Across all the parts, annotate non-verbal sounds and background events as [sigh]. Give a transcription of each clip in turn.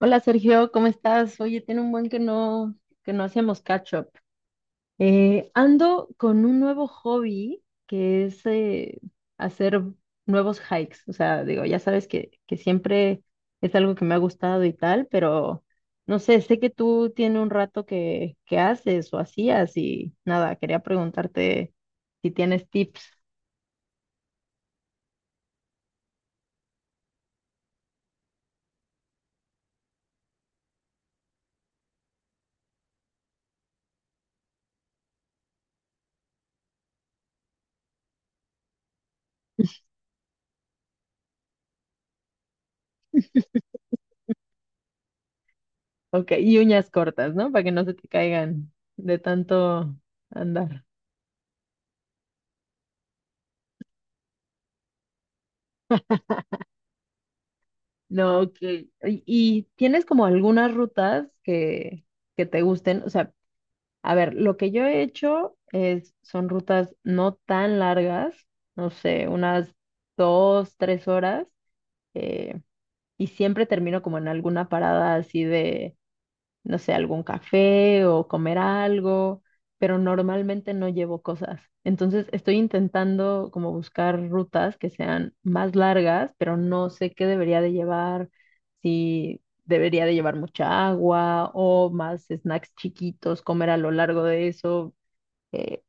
Hola Sergio, ¿cómo estás? Oye, tiene un buen que no hacemos catch up. Ando con un nuevo hobby que es hacer nuevos hikes. O sea, digo, ya sabes que siempre es algo que me ha gustado y tal, pero no sé, sé que tú tienes un rato que haces o hacías y nada, quería preguntarte si tienes tips. Ok, y uñas cortas, ¿no? Para que no se te caigan de tanto andar. No, que ¿Y tienes como algunas rutas que te gusten? O sea, a ver, lo que yo he hecho es, son rutas no tan largas, no sé, unas 2, 3 horas, eh, y siempre termino como en alguna parada así de no sé, algún café o comer algo, pero normalmente no llevo cosas. Entonces estoy intentando como buscar rutas que sean más largas, pero no sé qué debería de llevar, si debería de llevar mucha agua o más snacks chiquitos, comer a lo largo de eso. Eh,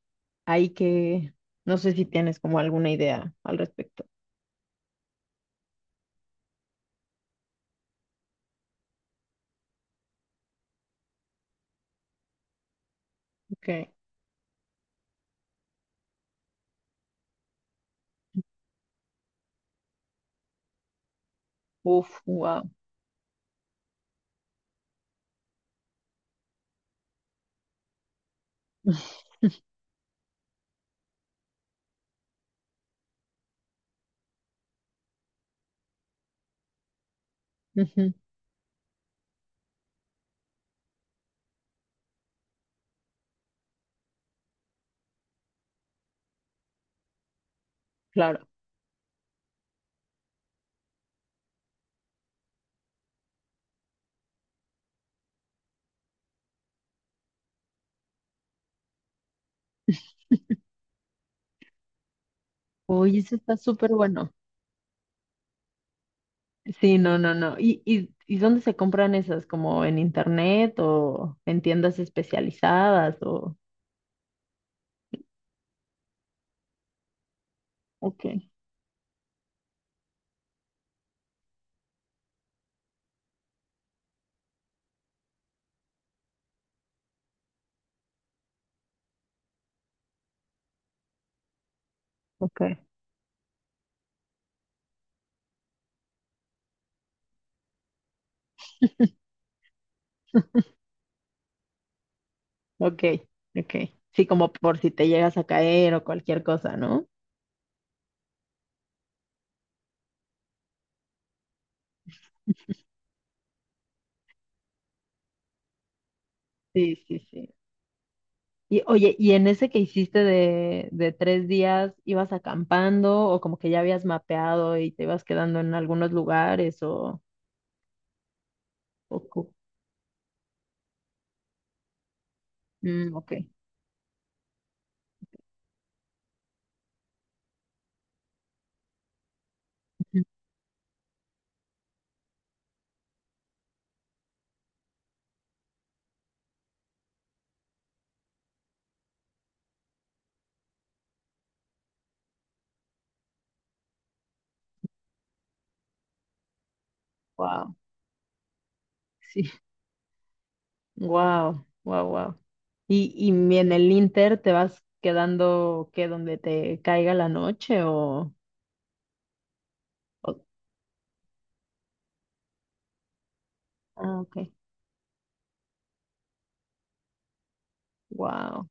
hay que, no sé si tienes como alguna idea al respecto. Ok. Uf, wow. [laughs] Ujú, claro. Oye, eso está súper bueno. Sí, no, no, no. ¿Y dónde se compran esas? ¿Como en internet o en tiendas especializadas o...? Ok. Ok, ok, ok. Sí, como por si te llegas a caer o cualquier cosa, ¿no? Sí, sí, sí. Y oye, ¿y en ese que hiciste de 3 días, ibas acampando o como que ya habías mapeado y te ibas quedando en algunos lugares. O... co- Mm, ok. Ujú. Wow. Wow, wow, wow. Y en el Inter te vas quedando que donde te caiga la noche. O- ah, ok. Wow.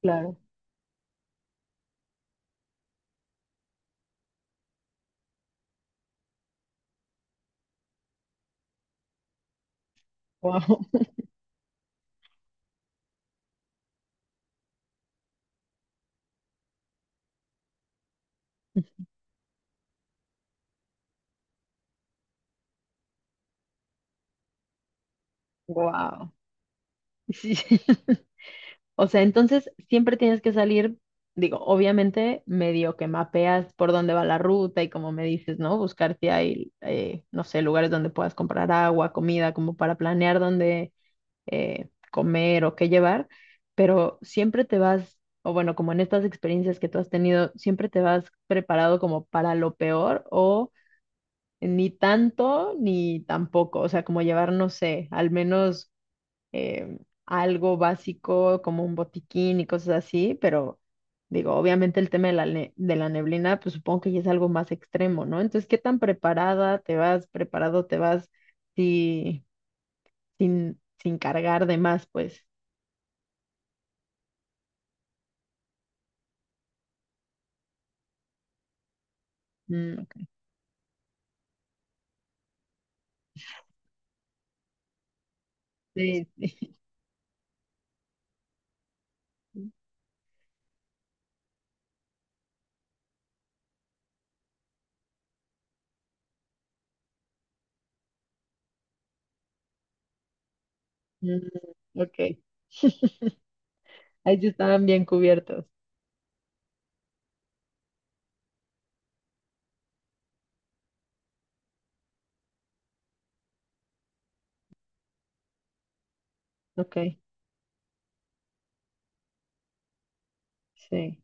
Claro. Wow. Wow. [laughs] Sí. [laughs] O sea, entonces siempre tienes que salir, digo, obviamente medio que mapeas por dónde va la ruta y como me dices, ¿no? Buscar si hay, no sé, lugares donde puedas comprar agua, comida, como para planear dónde comer o qué llevar, pero siempre te vas, o bueno, como en estas experiencias que tú has tenido, siempre te vas preparado como para lo peor o ni tanto ni tampoco, o sea, como llevar, no sé, al menos eh, algo básico como un botiquín y cosas así, pero digo, obviamente el tema de la neblina, pues supongo que ya es algo más extremo, ¿no? Entonces, ¿qué tan preparada te vas, preparado te vas si- sin cargar de más, pues? Mm, ok. Sí, sí. Mm, ok. [laughs] Ahí sí estaban bien cubiertos. Ok, sí.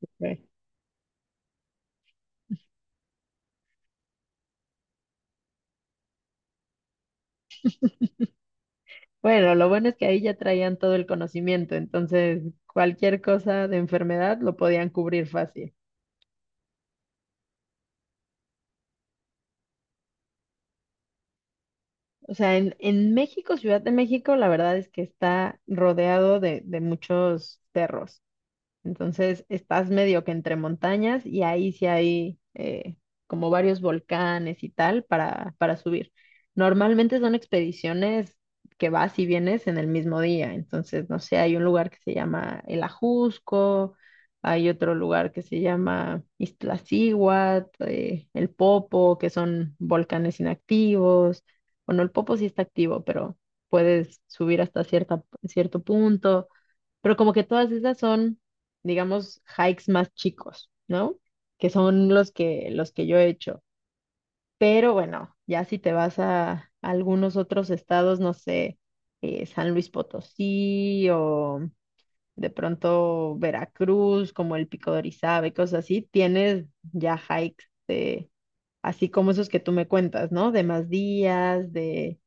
Ok. Bueno, lo bueno es que ahí ya traían todo el conocimiento, entonces cualquier cosa de enfermedad lo podían cubrir fácil. O sea, en México, Ciudad de México, la verdad es que está rodeado de muchos cerros. Entonces estás medio que entre montañas y ahí sí hay como varios volcanes y tal para subir. Normalmente son expediciones que vas y vienes en el mismo día. Entonces, no sé, hay un lugar que se llama El Ajusco, hay otro lugar que se llama Iztaccíhuatl, El Popo, que son volcanes inactivos. Bueno, el Popo sí está activo, pero puedes subir hasta cierta, cierto punto. Pero como que todas esas son, digamos, hikes más chicos, ¿no? Que son los que yo he hecho. Pero bueno, ya si te vas a algunos otros estados, no sé, San Luis Potosí o de pronto Veracruz, como el Pico de Orizaba y cosas así, tienes ya hikes de, así como esos que tú me cuentas, ¿no? De más días, de,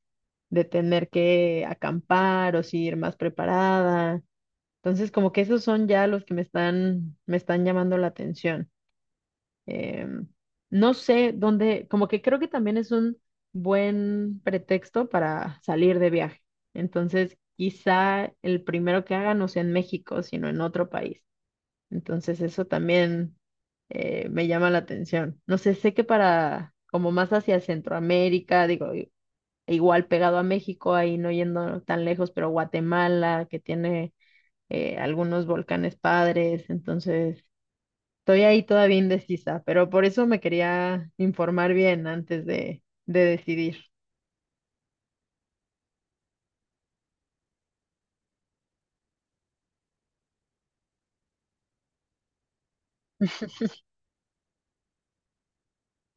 de tener que acampar o si ir más preparada. Entonces, como que esos son ya los que me están llamando la atención. Em, no sé dónde, como que creo que también es un buen pretexto para salir de viaje. Entonces, quizá el primero que haga no sea en México, sino en otro país. Entonces, eso también me llama la atención. No sé, sé que para, como más hacia Centroamérica, digo, igual pegado a México, ahí no yendo tan lejos, pero Guatemala, que tiene algunos volcanes padres, entonces estoy ahí todavía indecisa, pero por eso me quería informar bien antes de decidir.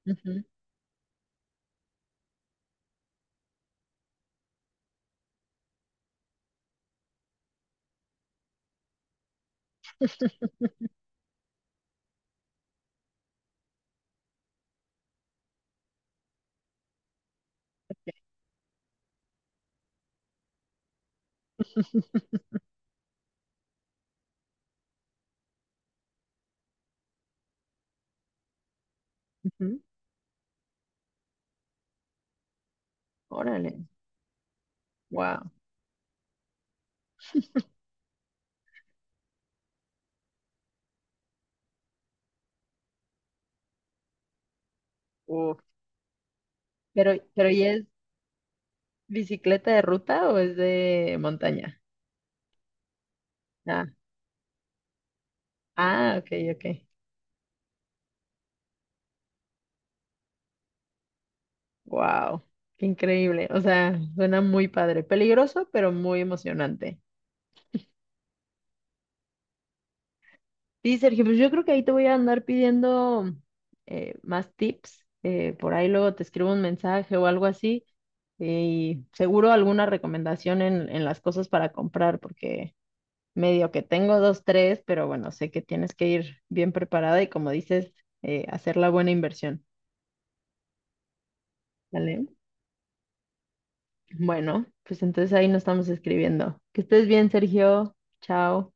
Ujú. [laughs] Ujú. Órale, wow. Pero ¿y es bicicleta de ruta o es de montaña? Ah, ah, ok, ok. Wow, qué increíble. O sea, suena muy padre. Peligroso, pero muy emocionante. Sí, Sergio, pues yo creo que ahí te voy a andar pidiendo más tips. Por ahí luego te escribo un mensaje o algo así. Y seguro alguna recomendación en las cosas para comprar, porque medio que tengo dos, tres, pero bueno, sé que tienes que ir bien preparada y como dices, hacer la buena inversión. ¿Vale? Bueno, pues entonces ahí nos estamos escribiendo. Que estés bien, Sergio. Chao.